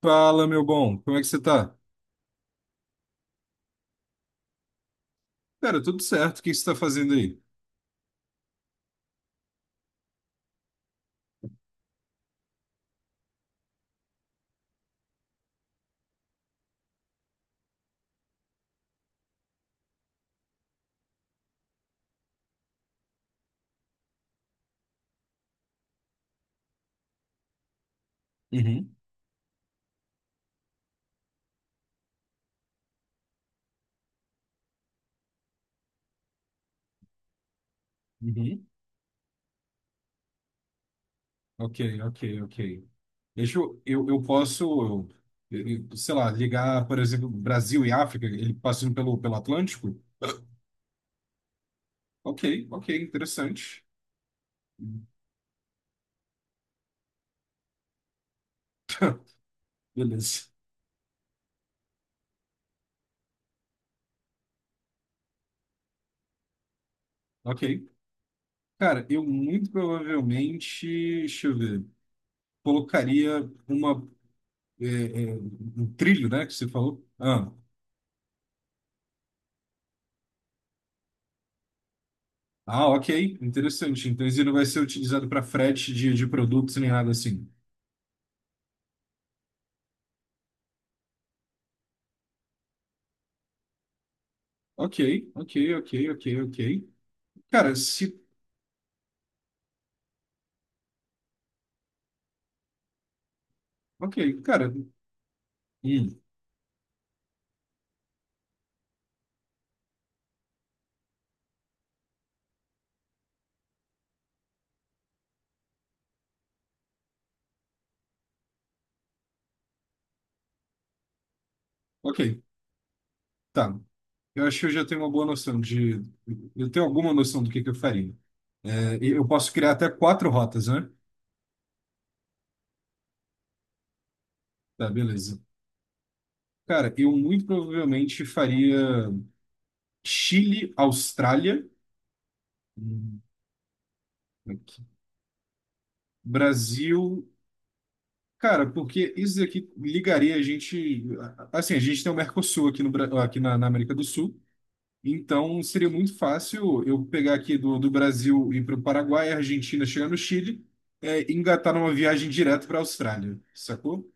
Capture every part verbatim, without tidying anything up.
Fala, meu bom, como é que você tá? Cara, tudo certo, o que você tá fazendo aí? Uhum, uhum. Ok, ok, ok. Deixa eu, eu, eu posso, eu- eu- sei lá, ligar, por exemplo, Brasil e África, ele passando pelo, pelo Atlântico? Ok, ok, interessante. Beleza. Ok. Cara, eu muito provavelmente, deixa eu ver, colocaria uma, é, é, um trilho, né, que você falou. Ah, ah, ok, interessante. Então, isso não vai ser utilizado para frete de, de produtos nem nada assim. Ok, ok, ok, ok, ok. Cara, se. Ok, cara. Hum, ok. Tá. Eu acho que eu já tenho uma boa noção de. Eu tenho alguma noção do que que eu faria. É, e eu posso criar até quatro rotas, né? Tá, beleza. Cara, eu muito provavelmente faria Chile, Austrália, hum, aqui. Brasil. Cara, porque isso aqui ligaria a gente. Assim, a gente tem o Mercosul aqui, no, Bra- aqui na, na América do Sul. Então, seria muito fácil eu pegar aqui do, do Brasil, ir para o Paraguai, Argentina, chegar no Chile, é, e engatar numa viagem direto para a Austrália, sacou?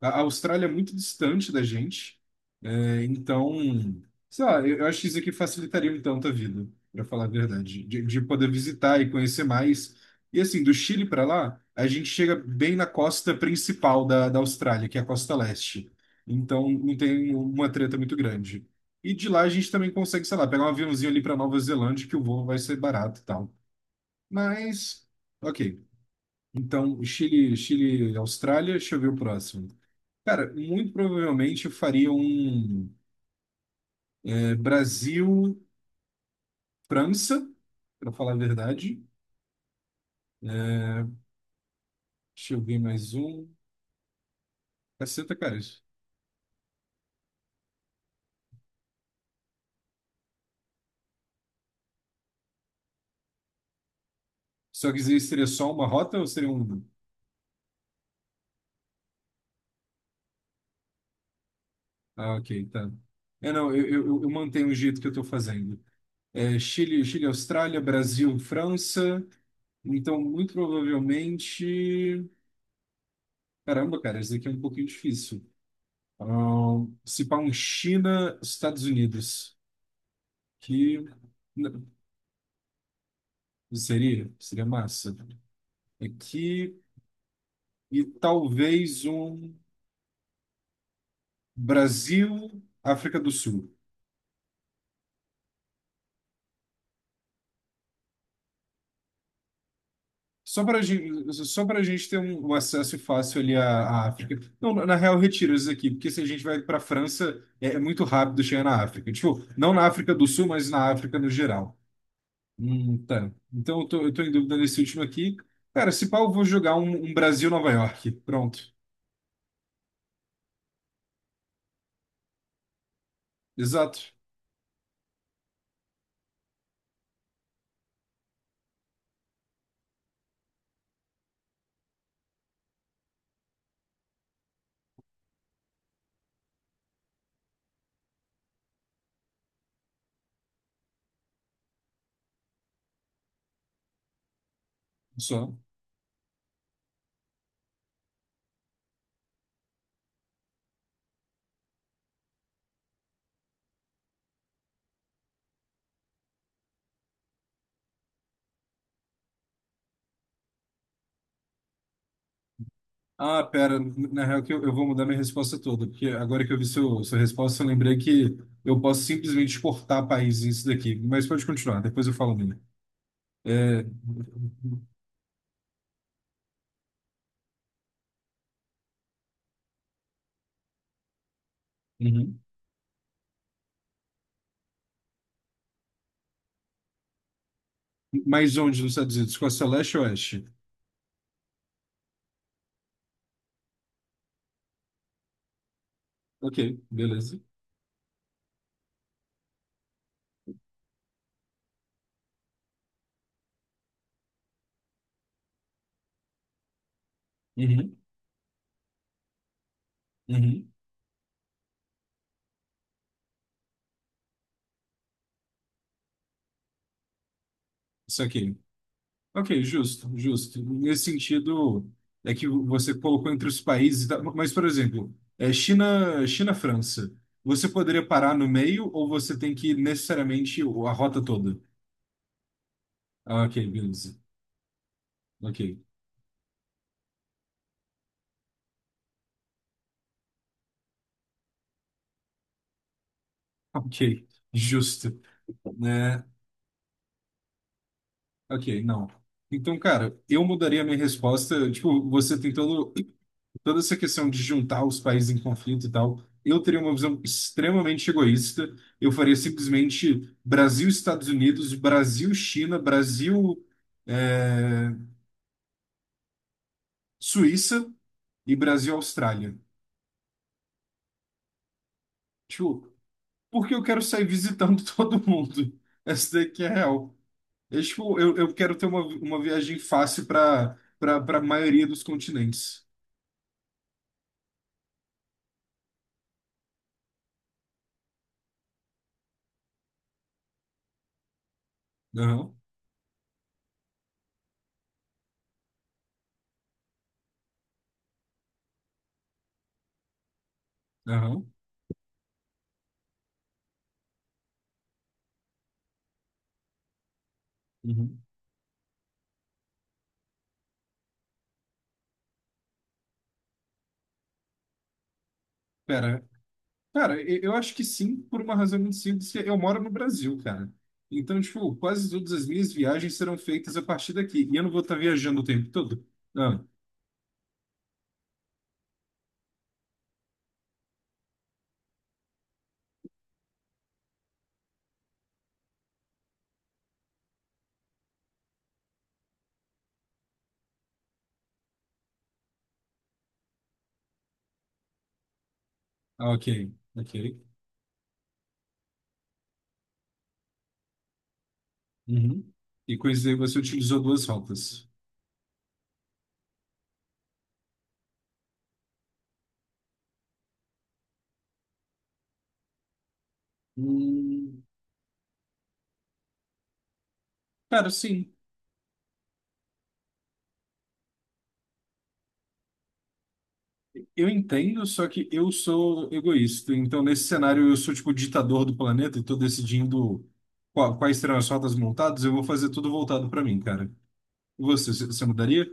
A a Austrália é muito distante da gente, é, então, sei lá, eu eu acho que isso aqui facilitaria um tanto a vida, para falar a verdade, de, de poder visitar e conhecer mais. E assim, do Chile para lá, a gente chega bem na costa principal da, da Austrália, que é a costa leste. Então, não tem uma treta muito grande. E de lá a gente também consegue, sei lá, pegar um aviãozinho ali para Nova Zelândia, que o voo vai ser barato e tal. Mas, ok. Então, Chile, Chile, Austrália, deixa eu ver o próximo. Cara, muito provavelmente eu faria um é, Brasil, França, pra falar a verdade. Deixa eu ver mais um. Caceta, cara. Só que isso seria só uma rota ou seria um. Ah, ok, tá. É, não, eu, eu, eu eu mantenho o jeito que eu tô fazendo. É, Chile, Chile, Austrália, Brasil, França. Então, muito provavelmente. Caramba, cara, isso daqui é um pouquinho difícil. Ah, se pá um China, Estados Unidos. Que. n- Seria, seria massa. Aqui e talvez um Brasil, África do Sul. Só para a gente, só para gente ter um, um acesso fácil ali à, à África. Não, na na real, retira isso aqui, porque se a gente vai para a França, é, é muito rápido chegar na África. Tipo, não na África do Sul, mas na África no geral. Hum, tá. Então eu tô, eu tô em dúvida nesse último aqui. Cara, se pau, eu vou jogar um, um Brasil-Nova York. Pronto. Exato. Só. Ah, pera, na real que eu, eu vou mudar minha resposta toda, porque agora que eu vi seu, sua resposta, eu lembrei que eu posso simplesmente exportar países isso daqui. Mas pode continuar, depois eu falo a minha. É... Uhum. Mas onde nos Estados Unidos? Costa Leste ou Oeste? Ok, beleza. Uhum. Uhum. Isso aqui. Ok, justo, justo. Nesse sentido, é que você colocou entre os países, e mas, por exemplo, é China, China, França. Você poderia parar no meio ou você tem que ir necessariamente a rota toda? Ah, ok, beleza. Ok. Ok. Justo, né? Ok, não. Então, cara, eu mudaria a minha resposta. Tipo, você tem todo, toda essa questão de juntar os países em conflito e tal. Eu teria uma visão extremamente egoísta. Eu faria simplesmente Brasil, Estados Unidos, Brasil, China, Brasil, é, Suíça e Brasil, Austrália. Tipo, porque eu quero sair visitando todo mundo. Essa daqui é a real. Eu, tipo, eu, eu quero ter uma, uma viagem fácil para para a maioria dos continentes. Aham, aham. Uhum. Pera, cara, eu eu acho que sim, por uma razão muito simples, que eu moro no Brasil, cara. Então, tipo, quase todas as minhas viagens serão feitas a partir daqui. E eu não vou estar viajando o tempo todo. Ah, ah, ok, ok. Uhum. E com isso aí você utilizou duas rotas. Hum, cara, sim. Eu entendo, só que eu sou egoísta. Então, nesse cenário, eu sou tipo o ditador do planeta e tô decidindo qua- quais serão as rotas montadas. Eu vou fazer tudo voltado para mim, cara. E você, c- você mudaria?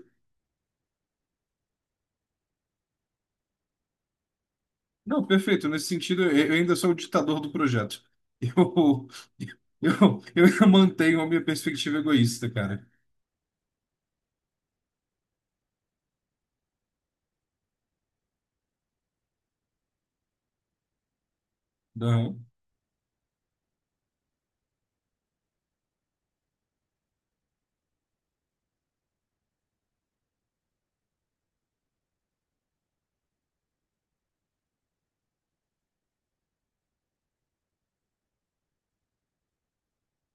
Não, perfeito. Nesse sentido, eu eu ainda sou o ditador do projeto. Eu, eu, eu ainda mantenho a minha perspectiva egoísta, cara. Não.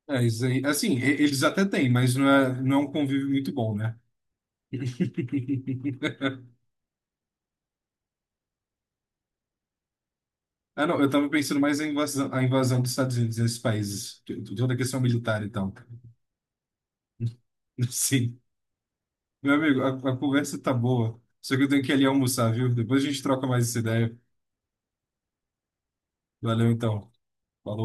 É, isso aí. Assim, e- eles até têm, mas não é, não é um convívio muito bom, né? Ah, não, eu tava pensando mais em invasão, a invasão dos Estados Unidos nesses países, t- toda a questão militar e tal. Sim. Meu amigo, a, a conversa tá boa, só que eu tenho que ir ali almoçar, viu? Depois a gente troca mais essa ideia. Valeu, então. Falou.